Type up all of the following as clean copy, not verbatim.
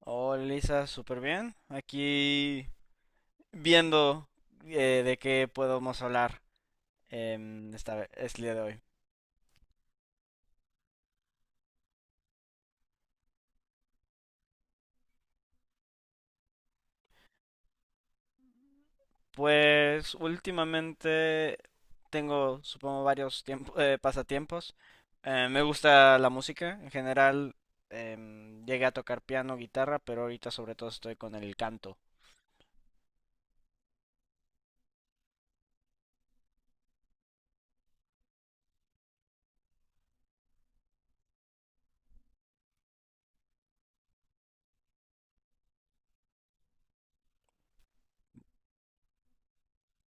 Hola Lisa, súper bien. Aquí viendo de qué podemos hablar esta vez, este día de hoy. Pues últimamente tengo, supongo, pasatiempos. Me gusta la música en general. Llegué a tocar piano, guitarra, pero ahorita sobre todo estoy con el canto.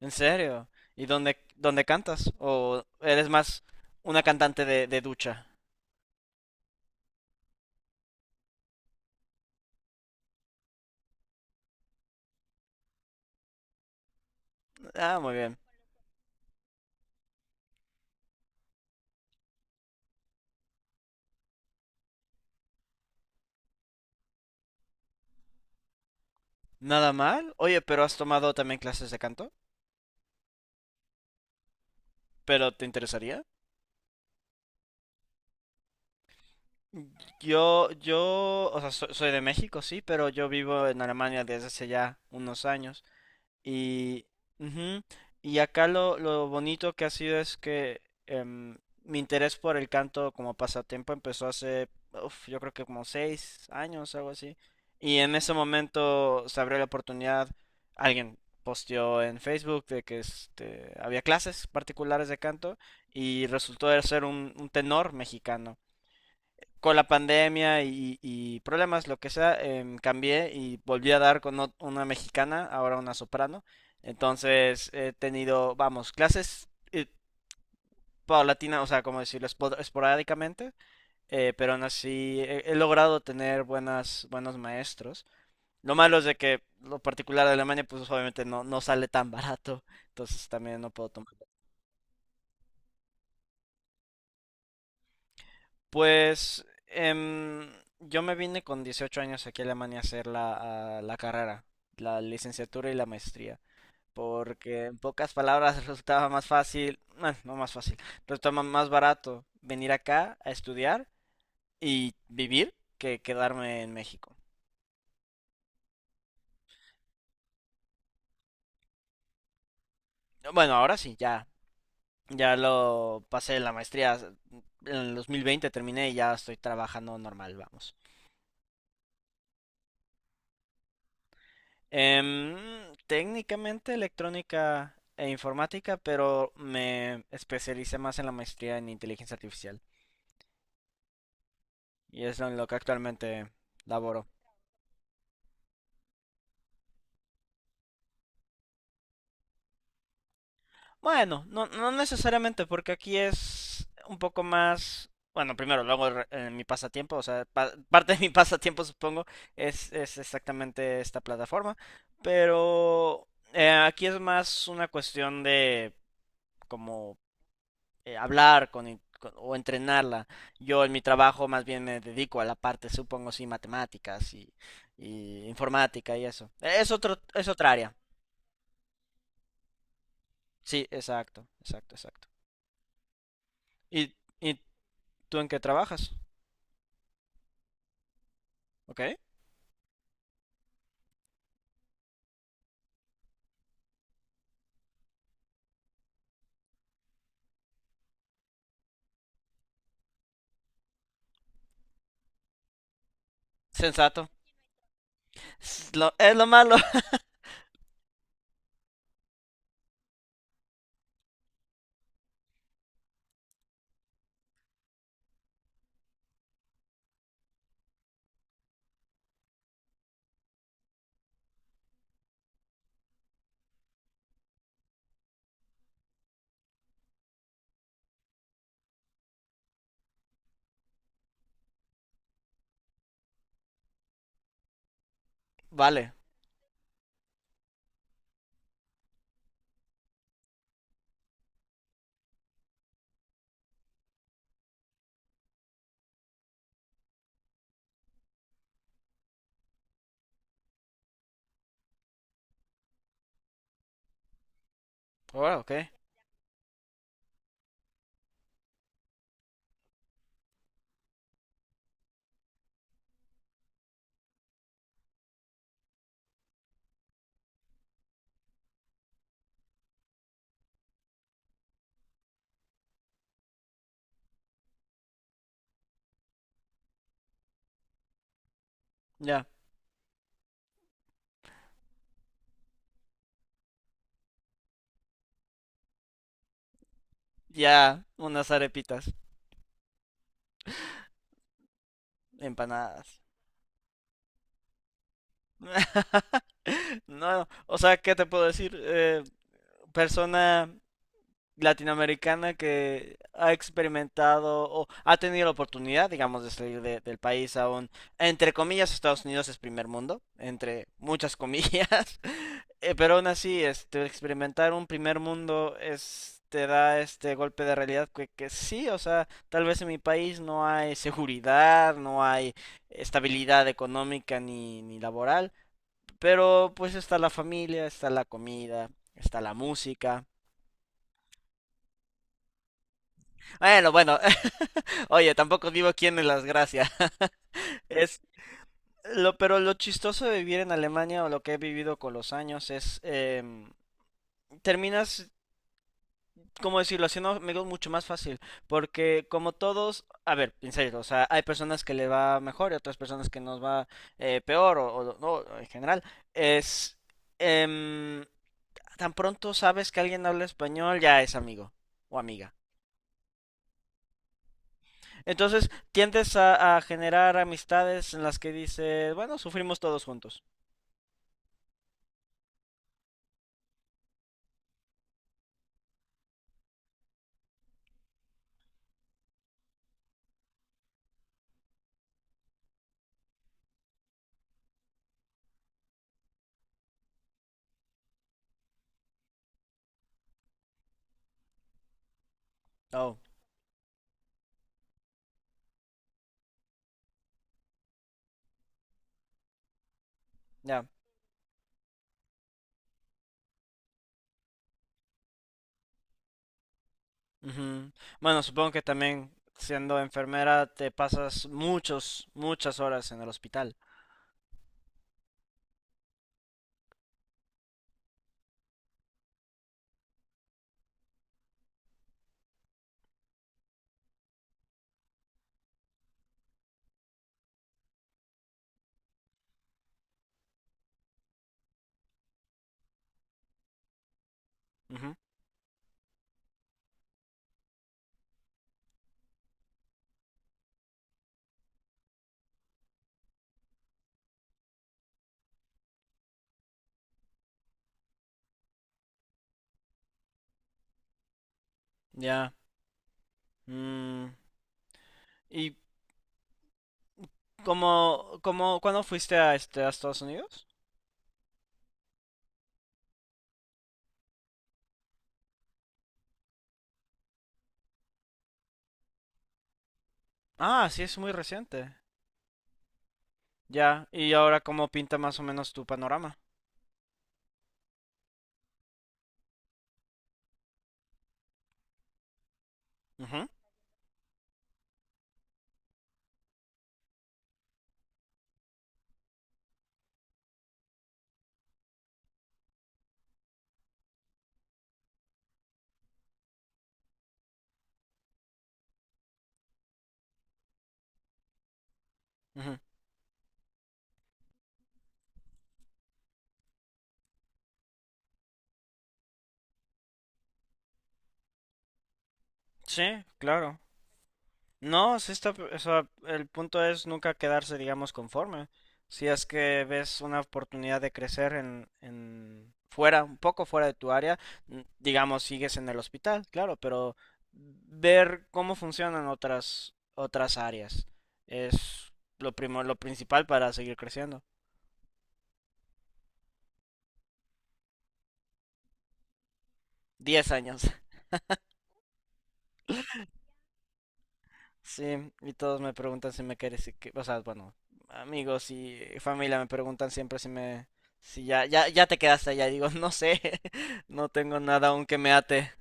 ¿En serio? ¿Y dónde cantas? ¿O eres más una cantante de ducha? Ah, muy bien. Nada mal. Oye, pero has tomado también clases de canto, pero ¿te interesaría? Yo, o sea, soy de México, sí, pero yo vivo en Alemania desde hace ya unos años. Y, ujú, y acá lo bonito que ha sido es que em, mi interés por el canto como pasatiempo empezó hace, uf, yo creo que como seis años, algo así. Y en ese momento se abrió la oportunidad, alguien posteó en Facebook de que este, había clases particulares de canto y resultó de ser un tenor mexicano con la pandemia y problemas, lo que sea, cambié y volví a dar con una mexicana, ahora una soprano. Entonces he tenido, vamos, clases paulatinas, o sea, como decirlo, esporádicamente, pero aún así he logrado tener buenos maestros. Lo malo es de que lo particular de Alemania, pues obviamente no sale tan barato, entonces también no puedo tomar. Pues yo me vine con 18 años aquí a Alemania a hacer a la carrera, la licenciatura y la maestría, porque en pocas palabras resultaba más fácil, bueno, no más fácil, resultaba más barato venir acá a estudiar y vivir que quedarme en México. Bueno, ahora sí, ya, ya lo pasé la maestría, en el 2020 terminé y ya estoy trabajando normal, vamos. Em, técnicamente electrónica e informática, pero me especialicé más en la maestría en inteligencia artificial y es en lo que actualmente laboro. Bueno, no, no necesariamente, porque aquí es un poco más... Bueno, primero, luego en mi pasatiempo, o sea, parte de mi pasatiempo supongo es exactamente esta plataforma, pero aquí es más una cuestión de como hablar o entrenarla. Yo en mi trabajo más bien me dedico a la parte, supongo, sí, matemáticas y informática y eso. Es es otra área. Sí, exacto, exacto, exacto. ¿Y, y tú en qué trabajas? ¿Ok? Sensato. Es lo malo. Vale. Ahora, ok. Ya. Ya, unas arepitas, empanadas. No, o sea, ¿qué te puedo decir? Persona latinoamericana que ha experimentado o ha tenido la oportunidad, digamos, de salir del país a un, entre comillas, Estados Unidos es primer mundo, entre muchas comillas, pero aún así, este, experimentar un primer mundo es, te da este golpe de realidad que sí, o sea, tal vez en mi país no hay seguridad, no hay estabilidad económica ni laboral, pero pues está la familia, está la comida, está la música. Bueno, bueno, oye, tampoco vivo aquí en Las Gracias. Es pero lo chistoso de vivir en Alemania o lo que he vivido con los años es terminas, ¿cómo decirlo? Haciendo amigos mucho más fácil. Porque como todos, a ver, en serio, o sea, hay personas que le va mejor y otras personas que nos va peor o no, en general. Es em, tan pronto sabes que alguien habla español, ya es amigo o amiga. Entonces tiendes a generar amistades en las que dices, bueno, sufrimos todos juntos. Oh, ya. Ujú. Bueno, supongo que también siendo enfermera te pasas muchas horas en el hospital. Ujú, ya. Mm, ¿y cuándo fuiste a este, a Estados Unidos? Ah, sí, es muy reciente. Ya. ¿Y ahora cómo pinta más o menos tu panorama? Ujú, ujú. Sí, claro. No, sí está, o sea, el punto es nunca quedarse, digamos, conforme. Si es que ves una oportunidad de crecer en fuera, un poco fuera de tu área, digamos, sigues en el hospital, claro, pero ver cómo funcionan otras áreas es lo principal para seguir creciendo. 10 años. Sí, y todos me preguntan si me quieres, y o sea, bueno, amigos y familia me preguntan siempre si me, si ya te quedaste allá. Y digo, no sé, no tengo nada aún que me ate,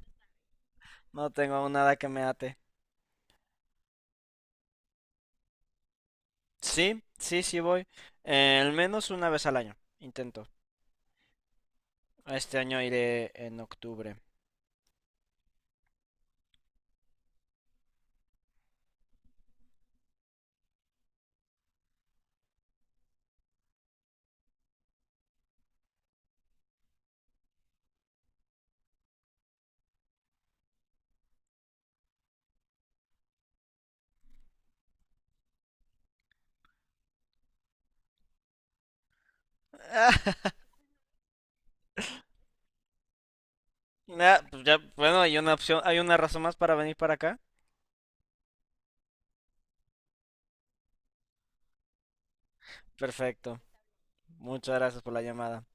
no tengo aún nada que me ate. Sí, sí, sí voy, al menos una vez al año, intento. Este año iré en octubre. Ah, pues ya, bueno, hay una opción, hay una razón más para venir para acá. Perfecto, muchas gracias por la llamada.